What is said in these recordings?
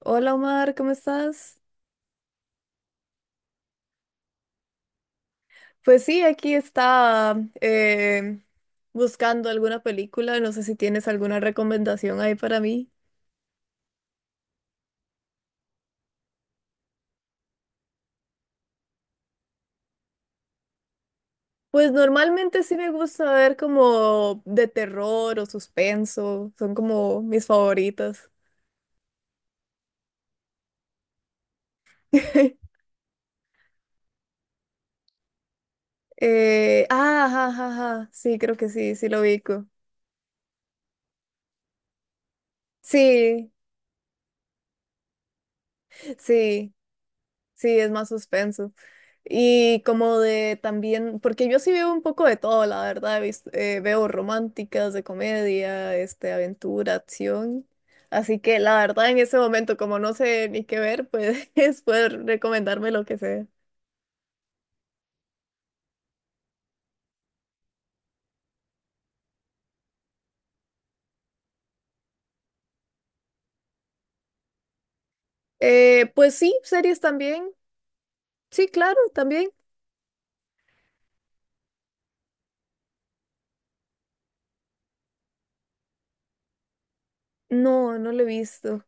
Hola Omar, ¿cómo estás? Pues sí, aquí está buscando alguna película, no sé si tienes alguna recomendación ahí para mí. Pues normalmente sí me gusta ver como de terror o suspenso, son como mis favoritas. Ajá, ajá, ajá, sí, creo que sí, sí lo ubico. Sí, sí. Sí, es más suspenso. Y como de también, porque yo sí veo un poco de todo, la verdad, veo románticas, de comedia, aventura, acción. Así que la verdad en ese momento, como no sé ni qué ver, pues puedes recomendarme lo que sea. Pues sí, series también. Sí, claro, también. No, no lo he visto.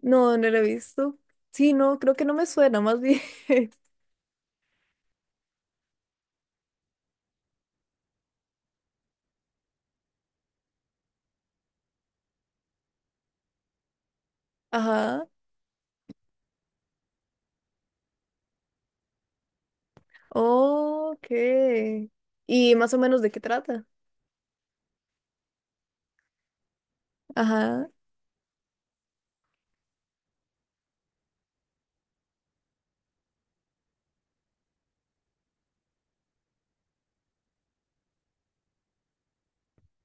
No, no lo he visto. Sí, no, creo que no me suena, más bien. Ajá. Ok. ¿Y más o menos de qué trata? Ajá.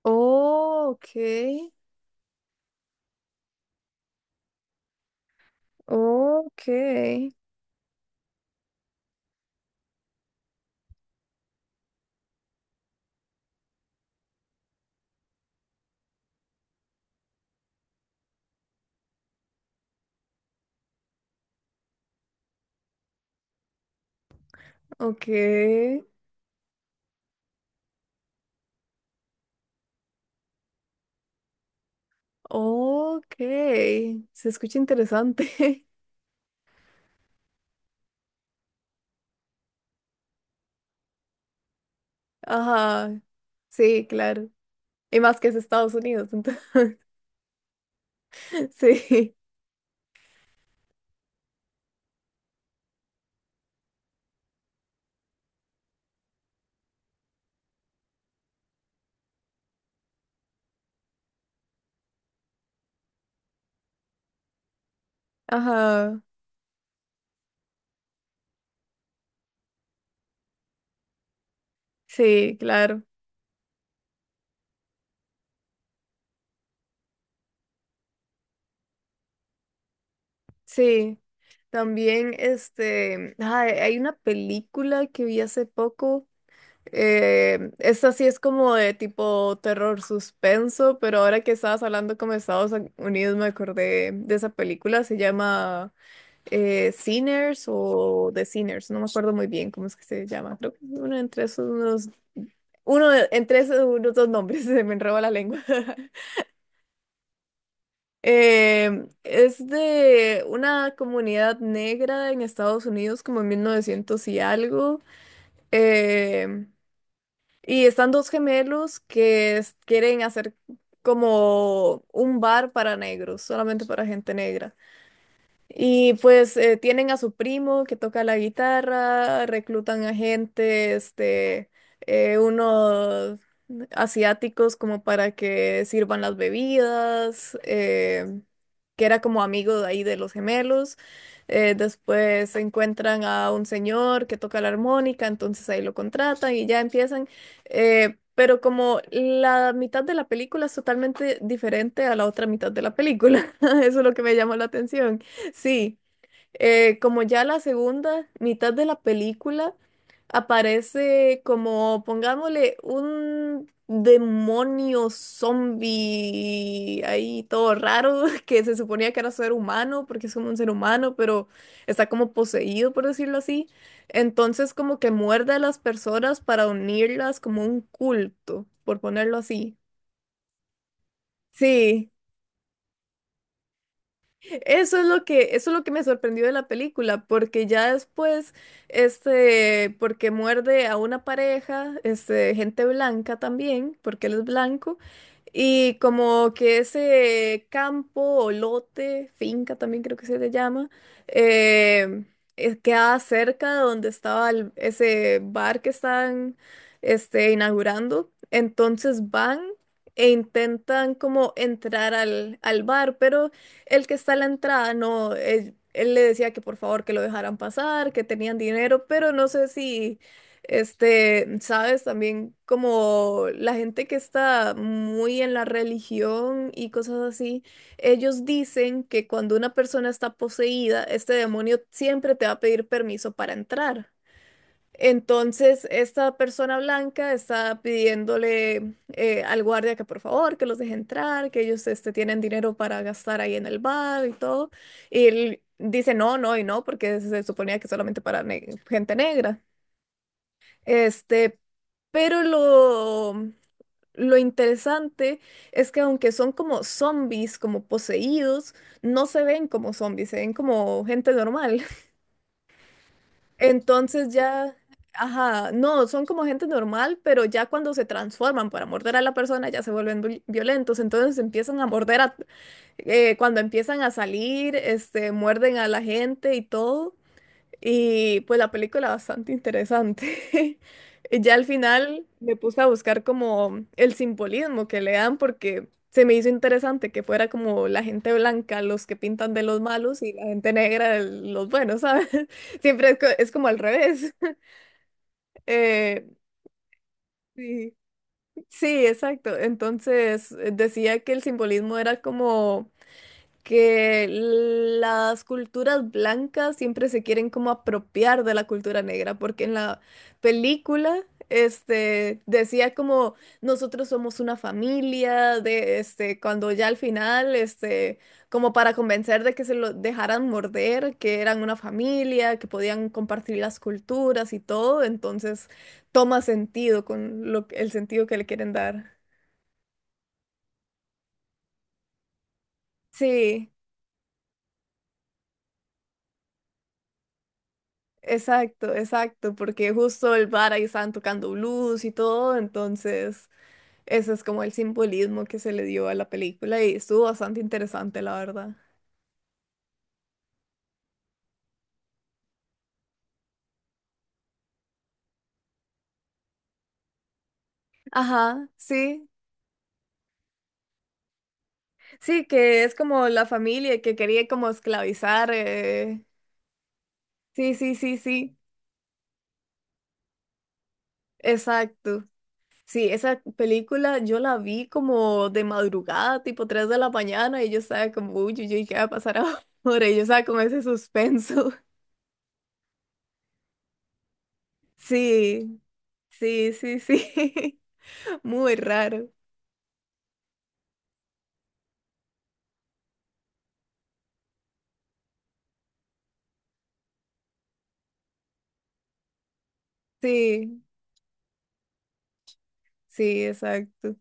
Oh, ok. Ok. Ok. Ok. Se escucha interesante. Ajá. Sí, claro. Y más que es Estados Unidos, entonces. Sí. Ajá. Sí, claro. Sí. También, ay, hay una película que vi hace poco. Esta sí es como de tipo terror suspenso, pero ahora que estabas hablando como de Estados Unidos me acordé de esa película, se llama Sinners o The Sinners, no me acuerdo muy bien cómo es que se llama, creo que es uno entre esos unos, entre esos unos dos nombres, se me enreba la lengua. Es de una comunidad negra en Estados Unidos como en 1900 y algo. Em, Y están dos gemelos que es- quieren hacer como un bar para negros, solamente para gente negra. Y pues tienen a su primo que toca la guitarra, reclutan a gente, unos asiáticos como para que sirvan las bebidas, que era como amigo de ahí de los gemelos. Después encuentran a un señor que toca la armónica, entonces ahí lo contratan y ya empiezan. Pero como la mitad de la película es totalmente diferente a la otra mitad de la película, eso es lo que me llamó la atención. Sí, como ya la segunda mitad de la película aparece como, pongámosle, un demonio zombie ahí todo raro que se suponía que era ser humano porque es como un ser humano, pero está como poseído, por decirlo así. Entonces como que muerde a las personas para unirlas como un culto, por ponerlo así. Sí, eso es lo que me sorprendió de la película, porque ya después, porque muerde a una pareja, gente blanca también, porque él es blanco, y como que ese campo o lote, finca también creo que se le llama, eh, queda cerca de donde estaba ese bar que están, inaugurando, entonces van e intentan como entrar al bar, pero el que está a la entrada, no, él le decía que por favor que lo dejaran pasar, que tenían dinero, pero no sé si, sabes, también como la gente que está muy en la religión y cosas así, ellos dicen que cuando una persona está poseída, este demonio siempre te va a pedir permiso para entrar. Entonces, esta persona blanca está pidiéndole al guardia que por favor, que los deje entrar, que ellos este, tienen dinero para gastar ahí en el bar y todo. Y él dice no, no y no, porque se suponía que solamente para gente negra. Este, pero lo interesante es que aunque son como zombies, como poseídos, no se ven como zombies, se ven como gente normal. Entonces ya, ajá, no, son como gente normal, pero ya cuando se transforman para morder a la persona ya se vuelven violentos, entonces empiezan a morder a, cuando empiezan a salir, muerden a la gente y todo. Y pues la película bastante interesante. Ya al final me puse a buscar como el simbolismo que le dan porque se me hizo interesante que fuera como la gente blanca los que pintan de los malos y la gente negra de los buenos, ¿sabes? Siempre es como al revés. Eh, sí, sí, exacto. Entonces decía que el simbolismo era como que las culturas blancas siempre se quieren como apropiar de la cultura negra, porque en la película este decía como nosotros somos una familia de este cuando ya al final este como para convencer de que se lo dejaran morder, que eran una familia, que podían compartir las culturas y todo, entonces toma sentido con lo, el sentido que le quieren dar. Sí. Exacto, exacto, porque justo el bar ahí estaban tocando blues y todo, entonces ese es como el simbolismo que se le dio a la película y estuvo bastante interesante, la verdad. Ajá, sí, sí, que es como la familia que quería como esclavizar. Sí, sí, sí, sí, exacto. Sí, esa película yo la vi como de madrugada, tipo 3 de la mañana, y yo estaba como, uy, uy, uy, ¿qué va a pasar ahora? Y yo estaba con ese suspenso. Sí. Sí, sí, sí. Muy raro. Sí, sí, exacto.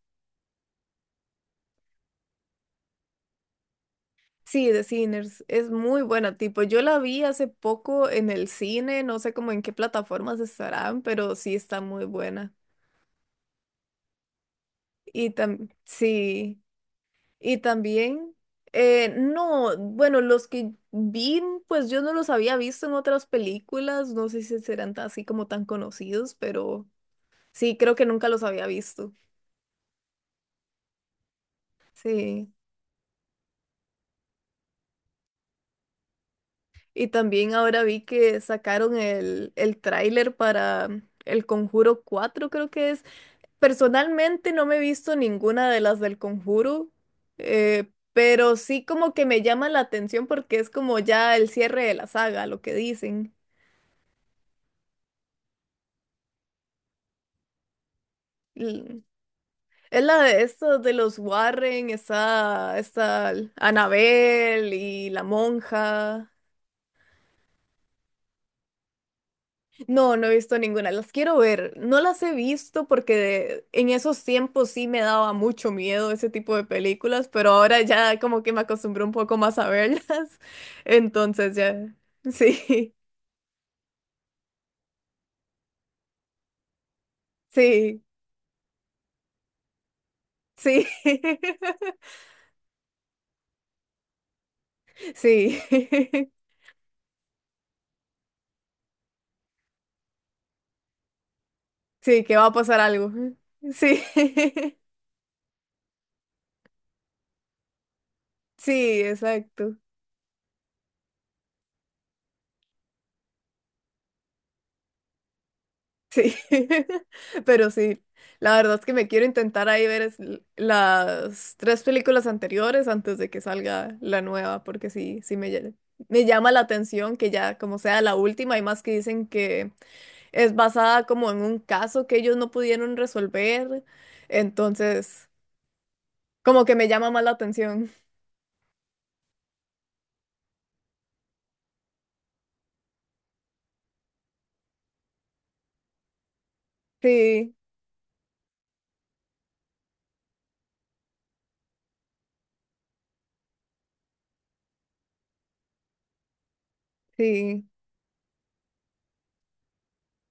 Sí, The Sinners es muy buena, tipo, yo la vi hace poco en el cine, no sé cómo en qué plataformas estarán, pero sí está muy buena. Y tam sí, y también, no, bueno, los que vi, pues yo no los había visto en otras películas, no sé si serán así como tan conocidos, pero sí, creo que nunca los había visto. Sí. Y también ahora vi que sacaron el tráiler para El Conjuro 4 creo que es. Personalmente no me he visto ninguna de las del Conjuro, pero sí como que me llama la atención porque es como ya el cierre de la saga, lo que dicen. L- Es la de estos de los Warren, está, está Annabelle y la monja. No, no he visto ninguna. Las quiero ver. No las he visto porque en esos tiempos sí me daba mucho miedo ese tipo de películas, pero ahora ya como que me acostumbré un poco más a verlas. Entonces ya. Sí, sí, sí. Sí. Sí, que va a pasar algo. Sí. Sí, exacto. Sí, pero sí, la verdad es que me quiero intentar ahí ver las tres películas anteriores antes de que salga la nueva, porque sí, me llama la atención que ya como sea la última, hay más que dicen que es basada como en un caso que ellos no pudieron resolver, entonces como que me llama más la atención. Sí, sí,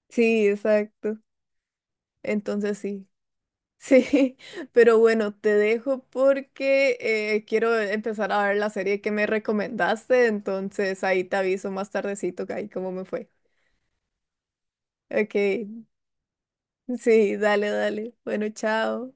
sí, exacto. Entonces sí. Sí, pero bueno, te dejo porque quiero empezar a ver la serie que me recomendaste, entonces ahí te aviso más tardecito que ahí cómo me fue. Ok, sí, dale, dale. Bueno, chao.